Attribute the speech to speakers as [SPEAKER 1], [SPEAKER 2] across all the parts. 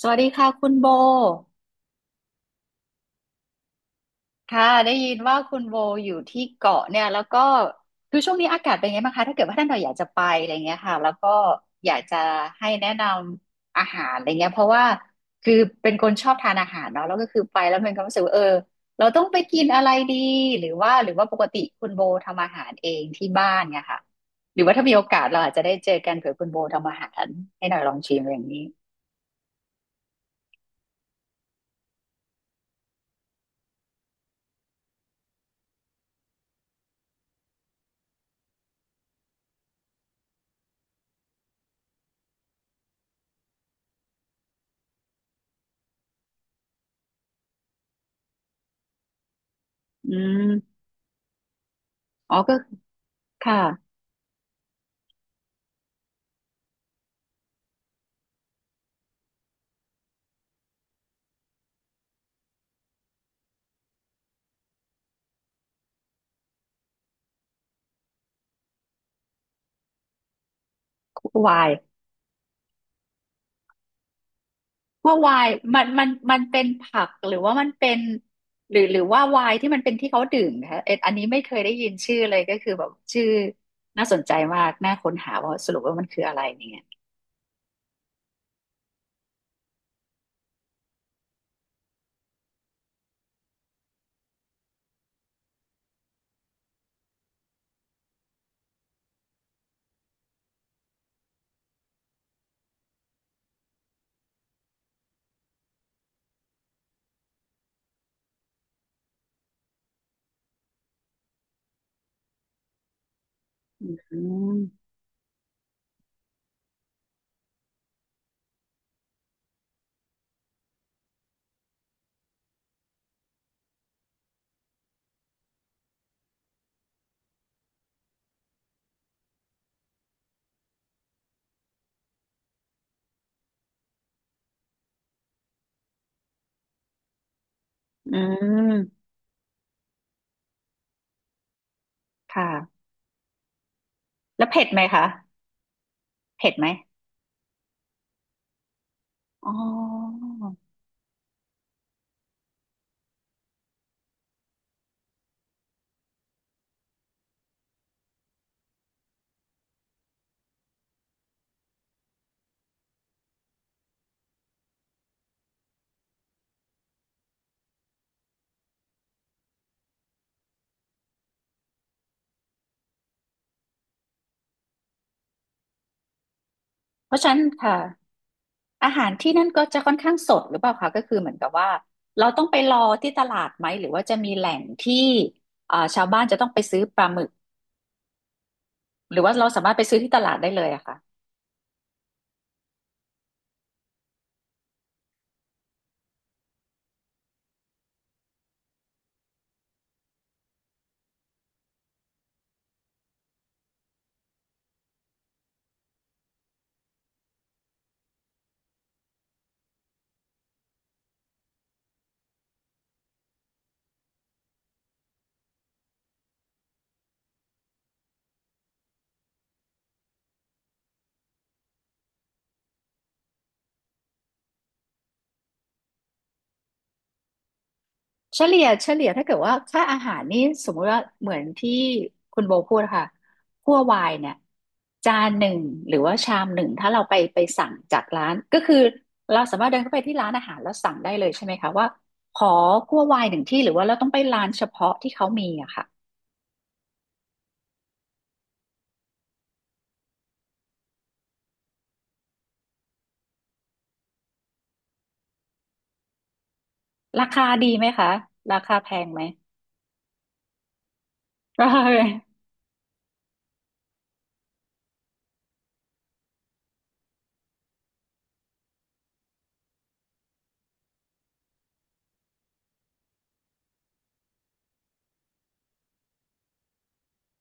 [SPEAKER 1] สวัสดีค่ะคุณโบค่ะได้ยินว่าคุณโบอยู่ที่เกาะเนี่ยแล้วก็คือช่วงนี้อากาศเป็นไงบ้างคะถ้าเกิดว่าท่านเราอยากจะไปอะไรเงี้ยค่ะแล้วก็อยากจะให้แนะนำอาหารอะไรเงี้ยเพราะว่าคือเป็นคนชอบทานอาหารเนาะแล้วก็คือไปแล้วมันก็รู้สึกว่าเออเราต้องไปกินอะไรดีหรือว่าปกติคุณโบทำอาหารเองที่บ้านเนี่ยค่ะหรือว่าถ้ามีโอกาสเราอาจจะได้เจอกันเผื่อคุณโบทำอาหารให้หน่อยลองชิมอย่างนี้อืมอ๋อก็ค่ะวาย ว่าไวายมันเป็นผักหรือว่ามันเป็นหรือว่าไวายที่มันเป็นที่เขาดื่มนะคะเอ็ดอันนี้ไม่เคยได้ยินชื่อเลยก็คือแบบชื่อน่าสนใจมากน่าค้นหาว่าสรุปว่ามันคืออะไรเนี่ยอืมอืมค่ะแล้วเผ็ดไหมคะเผ็ดไหมอ๋อเพราะฉะนั้นค่ะอาหารที่นั่นก็จะค่อนข้างสดหรือเปล่าคะก็คือเหมือนกับว่าเราต้องไปรอที่ตลาดไหมหรือว่าจะมีแหล่งที่อ่าชาวบ้านจะต้องไปซื้อปลาหมึก หรือว่าเราสามารถไปซื้อที่ตลาดได้เลยอะค่ะเฉลี่ยถ้าเกิดว่าค่าอาหารนี่สมมุติว่าเหมือนที่คุณโบพูดค่ะคั่ววายเนี่ยจานหนึ่งหรือว่าชามหนึ่งถ้าเราไปสั่งจากร้านก็คือเราสามารถเดินเข้าไปที่ร้านอาหารแล้วสั่งได้เลยใช่ไหมคะว่าขอคั่ววายหนึ่งที่หรือว่าเราต้องไปร้านเฉพาะที่เขามีอะค่ะราคาดีไหมคะราคาแพงไหมราคาแพง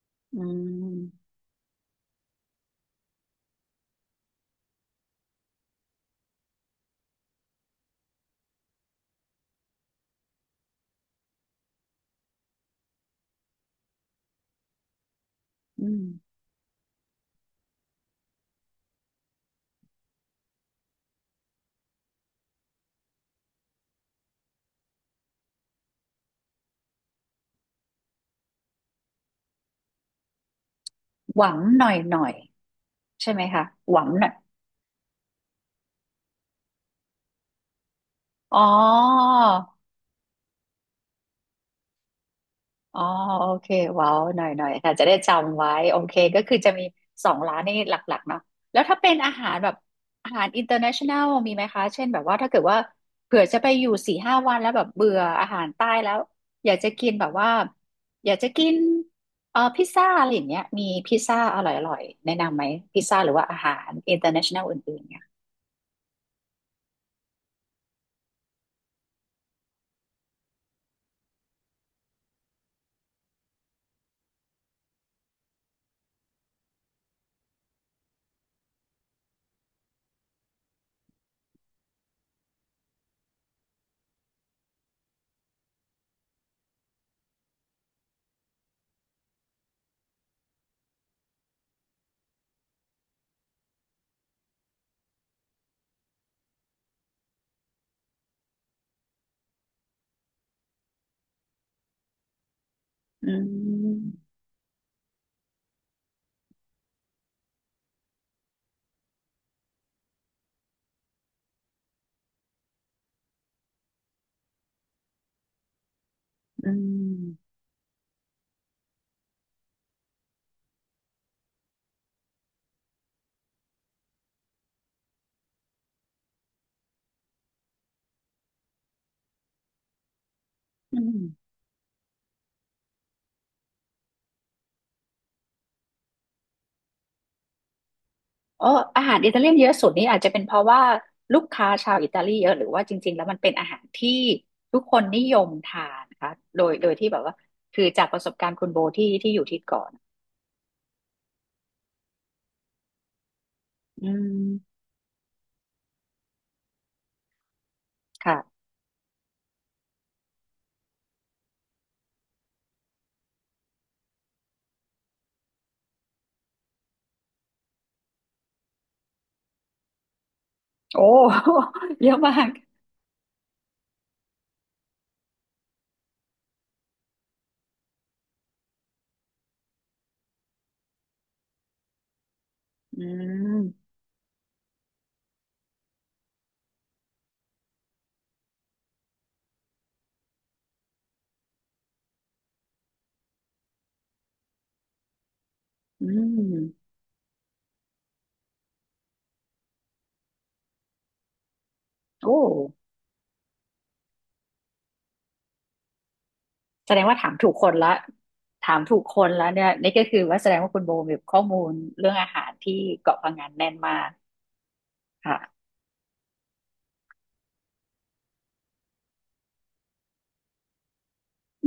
[SPEAKER 1] อืมอืมหวังหน่อยหน่อยใช่ไหมคะหวังหน่อยอ๋อ อ๋อโอเคว้าวหน่อยหน่อยค่ะจะได้จำไว้โอเคก็คือจะมี2 ร้านนี่หลักๆเนาะแล้วถ้าเป็นอาหารแบบอาหารอินเ r อร์เนชั่นแนลมีไหมคะเช่นแบบว่าถ้าเกิดว่าเผื่อจะไปอยู่4-5 วันแล้วแบบเบื่ออาหารใต้แล้วอยากจะกินแบบว่าอยากจะกินพิซซ่าอะไรอย่างเงี้ยมีพิซซ่าอร่อยๆแนะนำไหมพิซซ่าหรือว่าอาหารอินเตอร์เนชั่นแนลอื่นๆเนี่ยอืมอืมอืม เอออาหารอิตาเลียนเยอะสุดนี่อาจจะเป็นเพราะว่าลูกค้าชาวอิตาลีเยอะหรือว่าจริงๆแล้วมันเป็นอาหารที่ทุกคนนิยมทานนะคะโดยที่แบบว่าคือจากประสบการณ์คุณโบที่อยู่ที่เก่อนอืมค่ะโอ้ เยอะมากอืมอืมโอ้แสดงว่าถามถูกคนแล้วเนี่ยนี่ก็คือว่าแสดงว่าคุณโบมีข้อมูลเรื่องอาหารที่เกาะพะงันแน่นมากค่ะ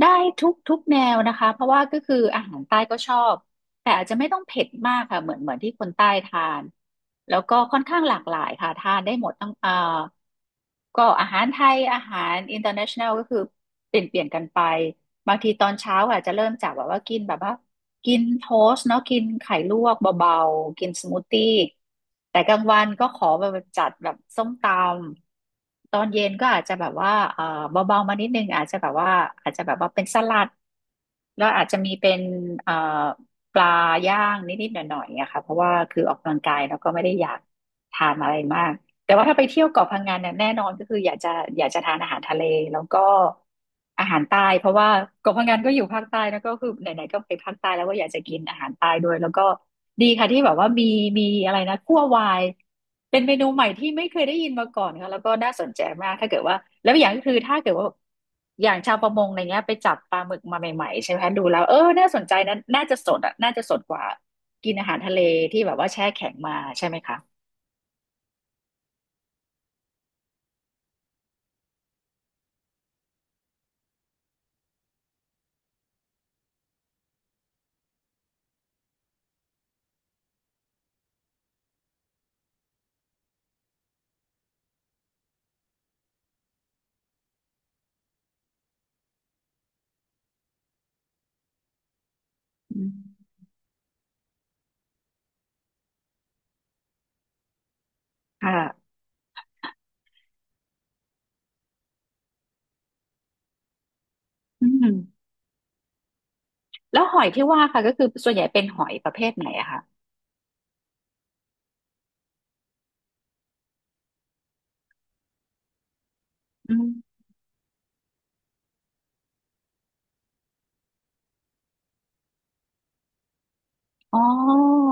[SPEAKER 1] ได้ทุกแนวนะคะเพราะว่าก็คืออาหารใต้ก็ชอบแต่อาจจะไม่ต้องเผ็ดมากค่ะเหมือนที่คนใต้ทานแล้วก็ค่อนข้างหลากหลายค่ะทานได้หมดตั้งเอ่อก็อาหารไทยอาหาร international ก็คือเปลี่ยนกันไป บางทีตอนเช้าอาจจะเริ่มจากแบบว่ากินแบบว่ากินโทสต์เนาะกินไข่ลวกเบาๆกินสมูทตี้แต่กลางวันก็ขอแบบจัดแบบส้มตำตอนเย็นก็อาจจะแบบว่าเออเบาๆมานิดนึงอาจจะแบบว่าอาจจะแบบว่าเป็นสลัดแล้วอาจจะมีเป็นเอ่อปลาย่างนิดๆหน่อยๆอะค่ะเพราะว่าคือออกกำลังกายแล้วก็ไม่ได้อยากทานอะไรมาก แต่ว่าถ้าไปเที่ยวเกาะพังงานเนี่ยแน่นอนก็คืออยากจะทานอาหารทะเลแล้วก็อาหารใต้เพราะว่าเกาะพังงานก็อยู่ภาคใต้แล้วก็คือไหนๆก็ไปภาคใต้แล้วก็อยากจะกินอาหารใต้ด้วยแล้วก็ดีค่ะที่แบบว่ามีอะไรนะคั่ววายเป็นเมนูใหม่ที่ไม่เคยได้ยินมาก่อนค่ะแล้วก็น่าสนใจมากถ้าเกิดว่าแล้วอย่างก็คือถ้าเกิดว่าอย่างชาวประมงอะไรเงี้ยไปจับปลาหมึกมาใหม่ๆใช่ไหมคะดูแล้วเออน่าสนใจนะน่าจะสดอ่ะน่าจะสดกว่ากินอาหารทะเลที่แบบว่าแช่แข็งมาใช่ไหมคะอืมค่ะ อืมแล้วหอยที่ว่าค่ะก็คือส่วนใหญ่เป็นหอยประเภทไหนอะคะอืมอ๋อ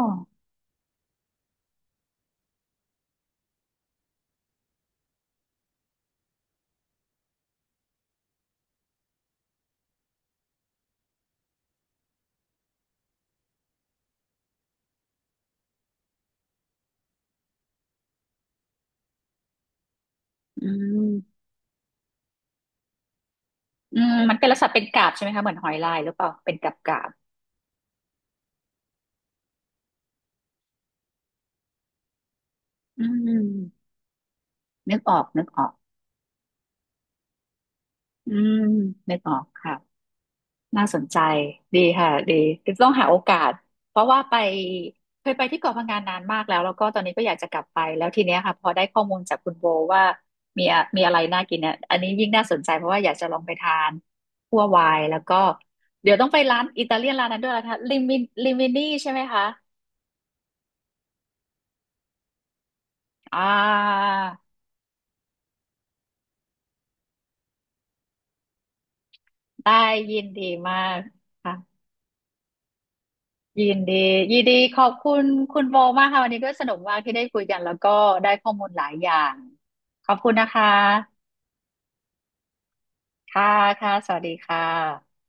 [SPEAKER 1] อืมอืมมันเป็นลักษณะเป็นกาบใช่ไหมคะ เหมือนหอยลายหรือเปล่าเป็นกาบกาบอืม นึกออก นึกออก อืม นึกออกค่ะ น่าสนใจดีค่ะดีต้องหาโอกาสเพราะว่าไปเคยไปที่เกาะพะงันนานมากแล้วแล้วก็ตอนนี้ก็อยากจะกลับไปแล้วทีเนี้ยค่ะพอได้ข้อมูลจากคุณโบว่ามีอะไรน่ากินเนี่ยอันนี้ยิ่งน่าสนใจเพราะว่าอยากจะลองไปทานคั่ววายแล้วก็เดี๋ยวต้องไปร้านอิตาเลียนร้านนั้นด้วยนะคะลิมินี่ใช่ไหมคะอ่าได้ยินดีมากค่ะ ยินดียินดีขอบคุณคุณโบมากค่ะวันนี้ด้วยสนุกมากที่ได้คุยกันแล้วก็ได้ข้อมูลหลายอย่างขอบคุณนะคะค่ะค่ะสวัสดีค่ะ